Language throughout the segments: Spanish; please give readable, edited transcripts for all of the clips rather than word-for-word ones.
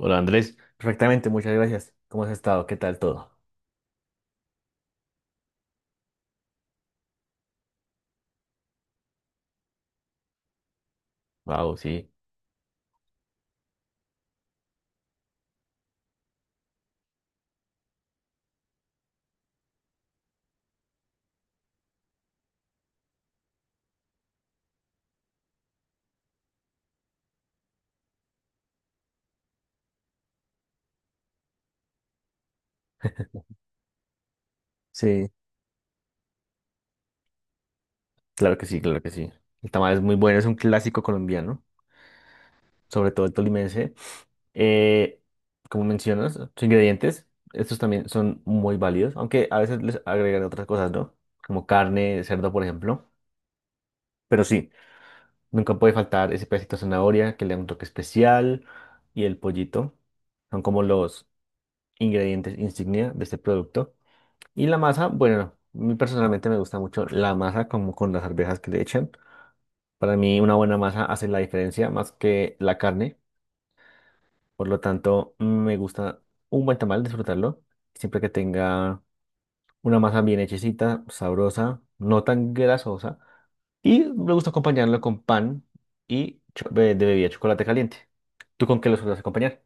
Hola Andrés, perfectamente, muchas gracias. ¿Cómo has estado? ¿Qué tal todo? Wow, sí. Sí, claro que sí, claro que sí. El tamal es muy bueno, es un clásico colombiano, sobre todo el tolimense. Eh, Como mencionas, sus ingredientes, estos también son muy válidos, aunque a veces les agregan otras cosas, ¿no? Como carne, cerdo, por ejemplo. Pero sí, nunca puede faltar ese pedacito de zanahoria que le da un toque especial y el pollito. Son como los ingredientes insignia de este producto. Y la masa, bueno, a mí personalmente me gusta mucho la masa como con las arvejas que le echan. Para mí una buena masa hace la diferencia más que la carne. Por lo tanto, me gusta un buen tamal, disfrutarlo. Siempre que tenga una masa bien hechecita, sabrosa, no tan grasosa. Y me gusta acompañarlo con pan y de bebida chocolate caliente. ¿Tú con qué lo sueles acompañar?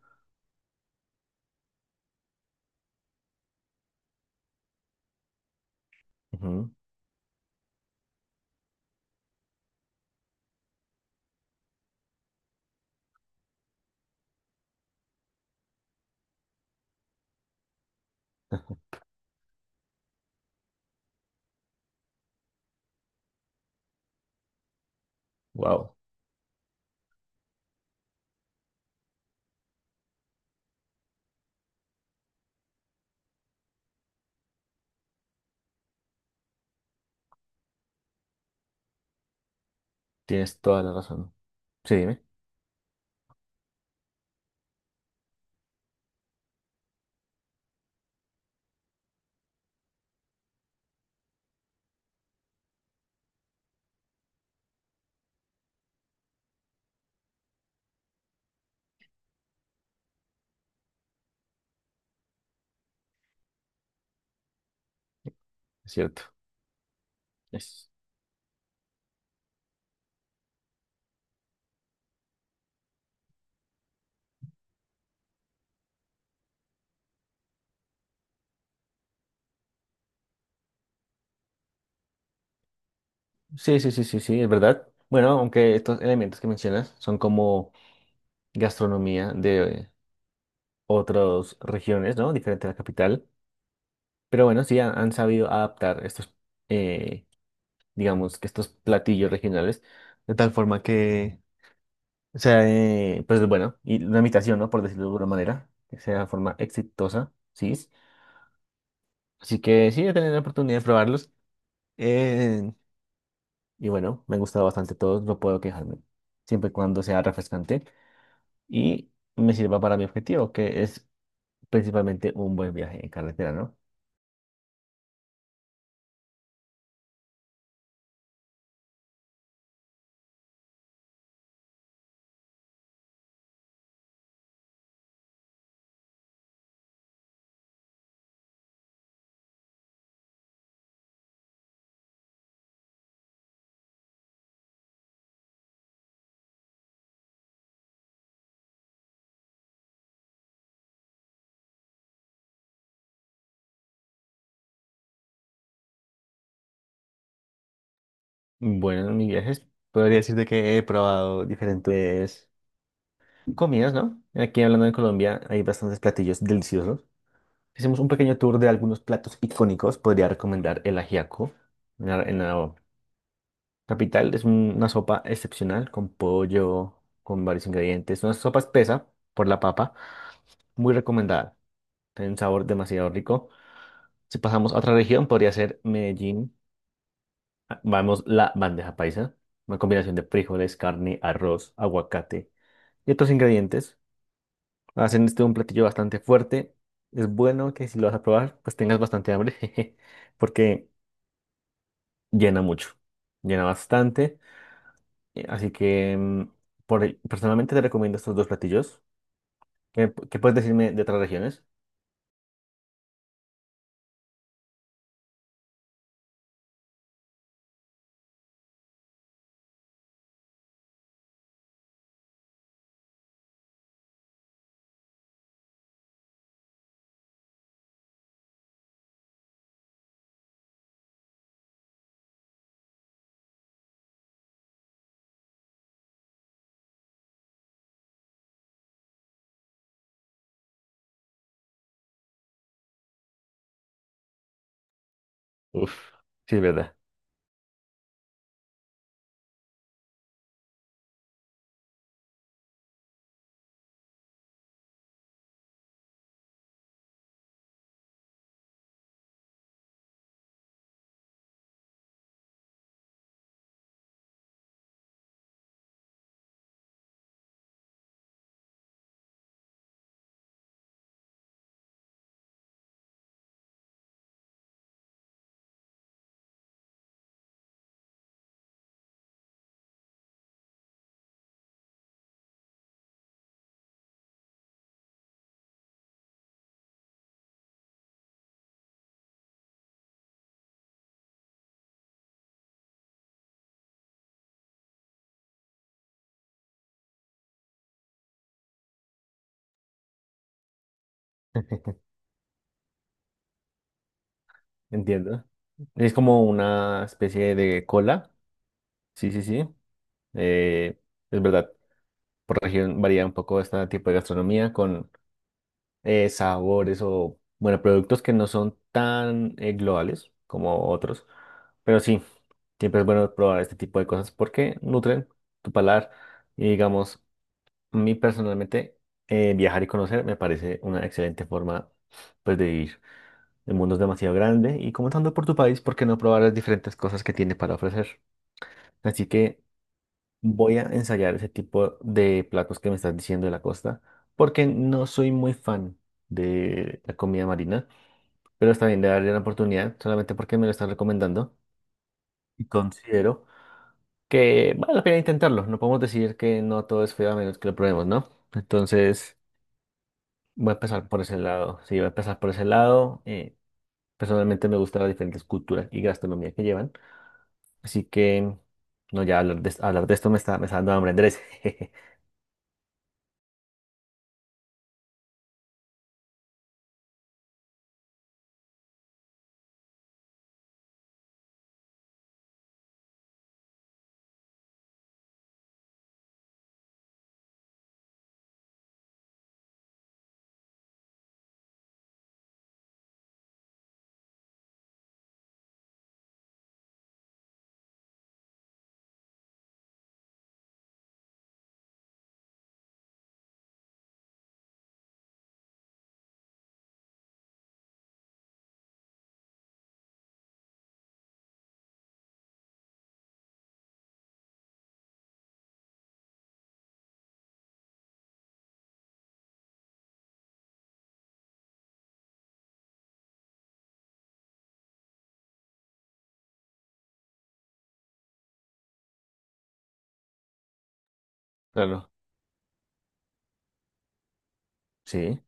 Wow, tienes toda la razón. Sí, dime, es cierto. Sí, sí, sí, sí, sí, es verdad. Bueno, aunque estos elementos que mencionas son como gastronomía de otras regiones, ¿no? Diferente a la capital. Pero bueno, sí han sabido adaptar estos, eh, digamos, que estos platillos regionales de tal forma que sea, pues bueno, y una imitación, ¿no? Por decirlo de alguna manera, que sea de forma exitosa, ¿sí? Así que sí, he tenido la oportunidad de probarlos. eh, y bueno, me han gustado bastante todos, no puedo quejarme, siempre y cuando sea refrescante. Y me sirva para mi objetivo, que es principalmente un buen viaje en carretera, ¿no? Bueno, en mis viajes podría decirte que he probado diferentes comidas, ¿no? Aquí hablando de Colombia hay bastantes platillos deliciosos. Si hacemos un pequeño tour de algunos platos icónicos. Podría recomendar el ajiaco en la capital. Es una sopa excepcional con pollo, con varios ingredientes. Una sopa espesa por la papa, muy recomendada. Tiene un sabor demasiado rico. Si pasamos a otra región, podría ser Medellín. Vamos, la bandeja paisa, una combinación de frijoles, carne, arroz, aguacate y otros ingredientes. Hacen este un platillo bastante fuerte. Es bueno que si lo vas a probar, pues tengas bastante hambre, jeje, porque llena mucho, llena bastante. Así que personalmente te recomiendo estos dos platillos. ¿Qué, qué puedes decirme de otras regiones? Uf, sí, es verdad, entiendo. Es como una especie de cola. Sí, sí, sí. Eh, es verdad. Por región varía un poco este tipo de gastronomía con sabores o, bueno, productos que no son tan globales como otros. Pero sí, siempre es bueno probar este tipo de cosas porque nutren tu paladar. Y digamos, a mí personalmente, viajar y conocer me parece una excelente forma pues, de vivir. El mundo es demasiado grande y comenzando por tu país, ¿por qué no probar las diferentes cosas que tiene para ofrecer? Así que voy a ensayar ese tipo de platos que me estás diciendo de la costa, porque no soy muy fan de la comida marina, pero está bien de darle una oportunidad solamente porque me lo están recomendando y considero que vale la pena intentarlo. No podemos decir que no todo es feo a menos que lo probemos, ¿no? Entonces, voy a empezar por ese lado. Sí, voy a empezar por ese lado. Personalmente me gustan las diferentes culturas y gastronomía que llevan, así que no, ya hablar de esto me está dando hambre, Andrés. Claro, sí.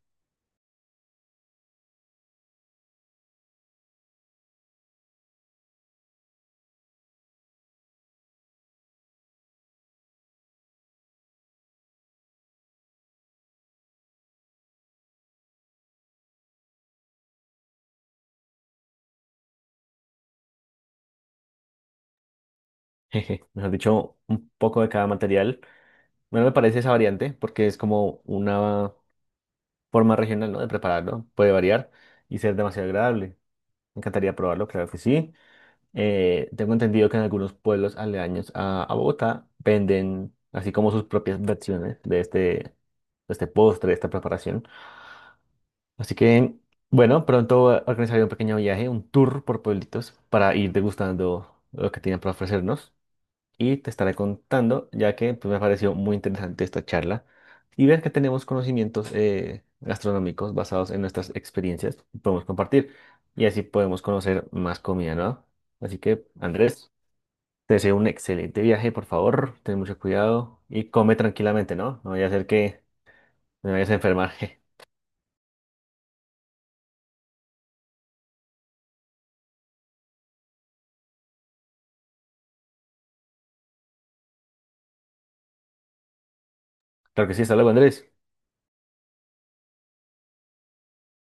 Jeje, mejor dicho, un poco de cada material. Bueno, me parece esa variante porque es como una forma regional, ¿no? De prepararlo. Puede variar y ser demasiado agradable. Me encantaría probarlo, claro que sí. Tengo entendido que en algunos pueblos aledaños a Bogotá venden así como sus propias versiones de de este postre, de esta preparación. Así que, bueno, pronto organizaré un pequeño viaje, un tour por pueblitos para ir degustando lo que tienen para ofrecernos. Y te estaré contando, ya que pues, me pareció muy interesante esta charla y ver que tenemos conocimientos gastronómicos basados en nuestras experiencias y podemos compartir y así podemos conocer más comida, ¿no? Así que, Andrés, te deseo un excelente viaje, por favor, ten mucho cuidado y come tranquilamente, ¿no? No vaya a ser que me vayas a enfermar. Claro que sí, hasta luego, Andrés.